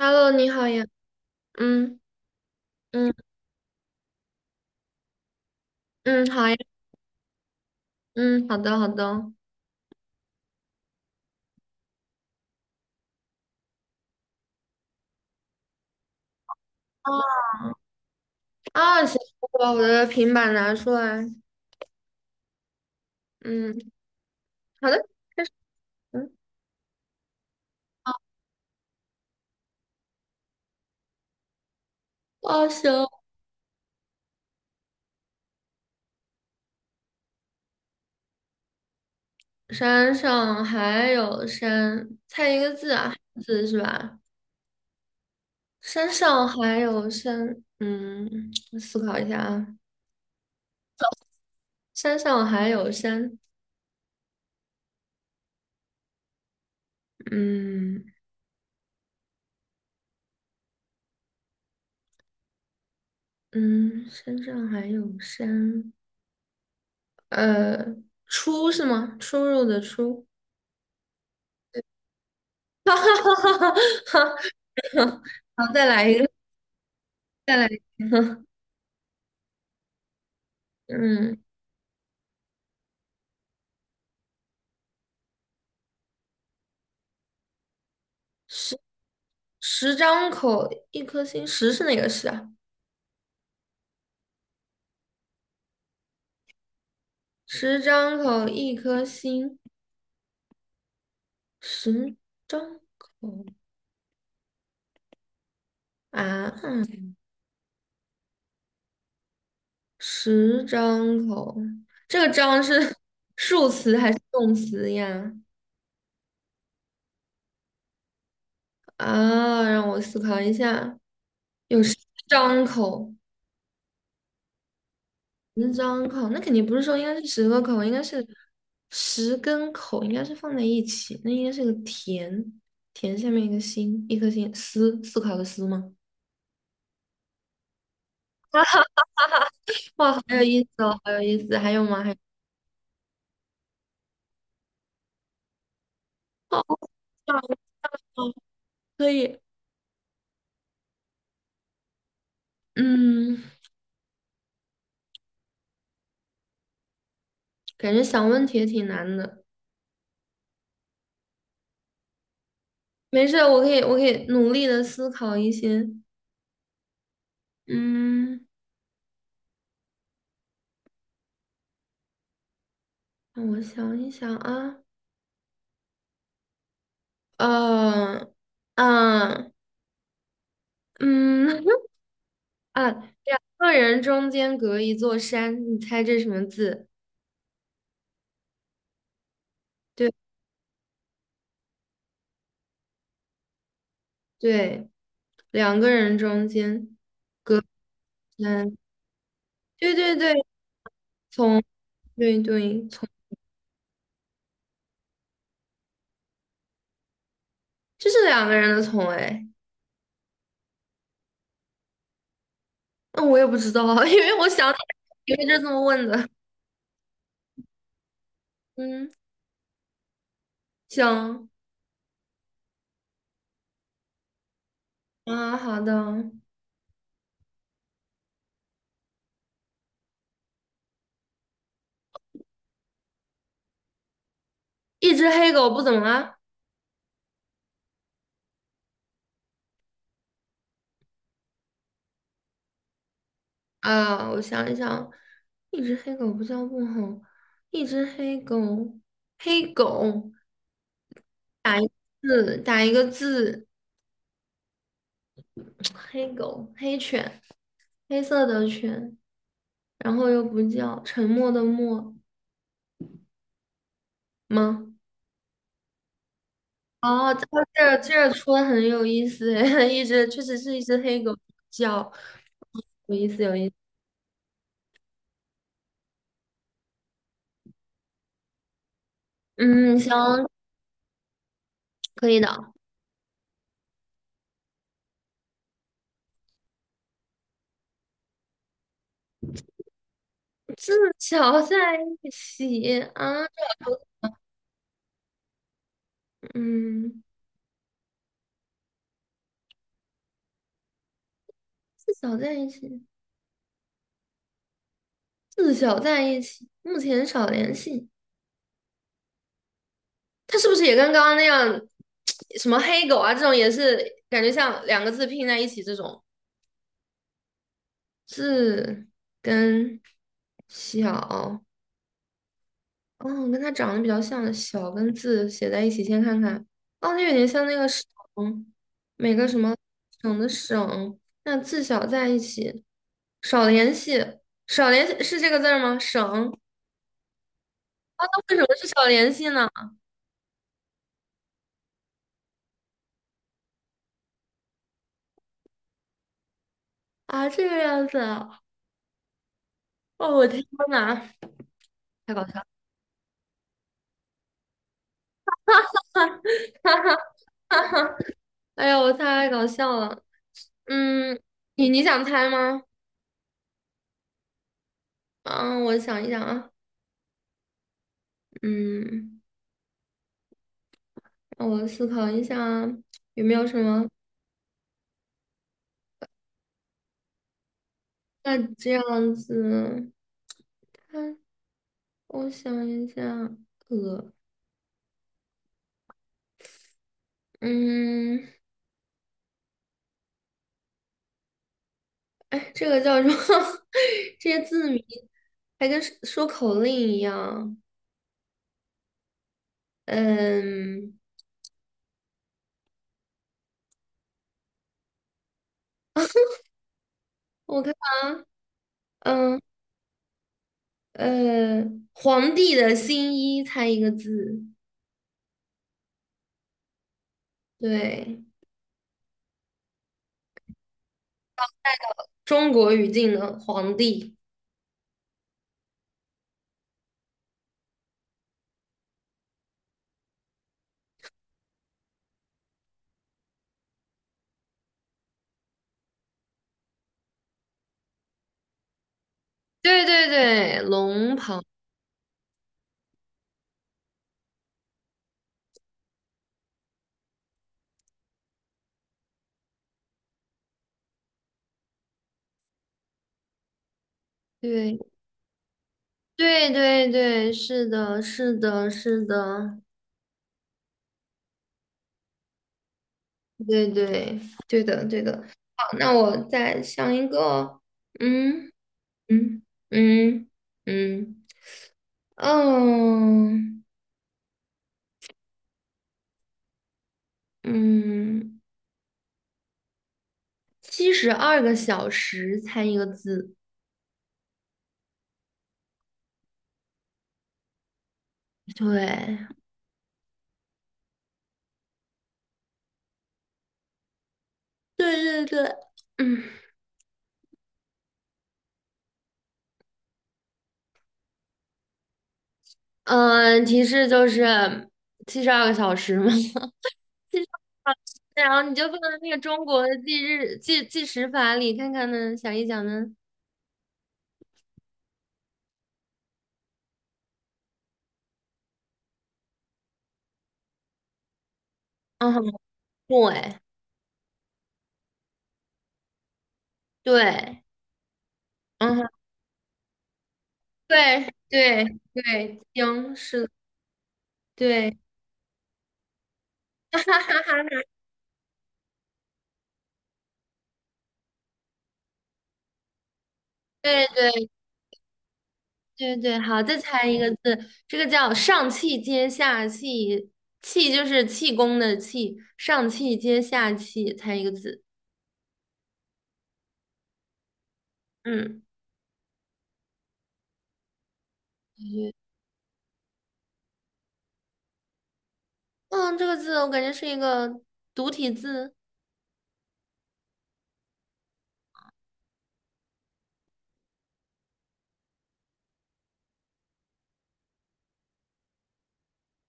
Hello,你好呀。嗯嗯嗯，好呀。嗯，好的好的。啊行，我把我的平板拿出来。嗯，好的。开始。嗯。哦，行。山上还有山，猜一个字啊。字是吧？山上还有山，嗯，我思考一下啊。山上还有山。嗯嗯。山上还有山。呃，出是吗？出入的出。哈哈哈哈哈！好，再来一个，再来一个。嗯，十十张口一颗心，十是哪个十啊？十张口一颗心，十张口啊。嗯，十张口，这个张是数词还是动词呀？啊，让我思考一下。有十张口，十张口，那肯定不是说应该是十个口，应该是十根口，应该是放在一起，那应该是个田。田下面一个心，一颗心，思，思考的思吗？哇，好有意思哦，好有意思，还有吗？还有。好棒哦，可以。嗯，感觉想问题也挺难的。没事我可以，我可以努力的思考一些。嗯，让我想一想啊。呃，嗯、嗯。 啊，个人中间隔一座山，你猜这什么字？对对，两个人中间。嗯，对对对，从，对对从。这是两个人的从，哎。那我也不知道啊，因为我想起来，因为就这么问的。嗯，行。啊，好的。一只黑狗不怎么了？啊，我想一想。一只黑狗不叫不好，一只黑狗，黑狗，字打一个字。黑狗，黑犬。黑色的犬，然后又不叫，沉默的默吗？哦，哦，这出的很有意思诶，一只确实是一只黑狗叫。有意思有意思。嗯，行，可以的。自小在一起啊，这我头嗯，自小在一起。自小在一起，目前少联系。他是不是也跟刚刚那样，什么黑狗啊，这种也是感觉像两个字拼在一起这种？字跟小，哦，跟它长得比较像的小跟字写在一起，先看看。哦，它有点像那个省，每个什么省的省，那字小在一起，少联系，少联系是这个字儿吗？省。啊，那为什么是少联系呢？啊，这个样子啊。哦，我的天呐，太搞笑了。哈哈哎呀，我太搞笑了。嗯，你想猜吗？嗯，我想一想啊。嗯。让我思考一下啊，有没有什么？那这样子，看，我想一下。呃，嗯，哎，这个叫什么？这些字谜还跟说说口令一样。嗯。我看啊。嗯皇帝的新衣，猜一个字。对，中国语境的皇帝。对对对，龙袍。对。对对对，是的，是的，是的，对，对，对的，对的。好，那我再想一个。嗯嗯嗯嗯嗯嗯，七十二个小时猜一个字。对对对对。嗯嗯,提示就是七十二个小时嘛。七十二小时，然后你就放在那个中国的计日计计时法里看看呢，想一想呢。嗯哼，对对。嗯哼，对对对，行，是的，对。哈哈哈哈，对对对对。好，再猜一个字，这个叫上气接下气。气就是气功的气，上气接下气，猜一个字。嗯，对。嗯，这个字我感觉是一个独体字。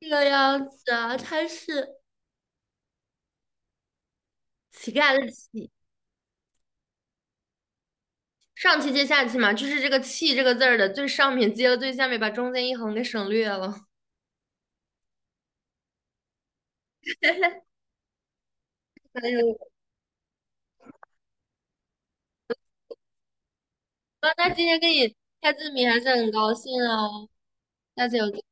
这个样子啊，它是乞丐的乞。上气接下气嘛，就是这个气这个字儿的最上面接了最下面，把中间一横给省略了。很有意思。那今天跟你开字谜还是很高兴哦，下次有机会。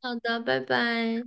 好的，拜拜。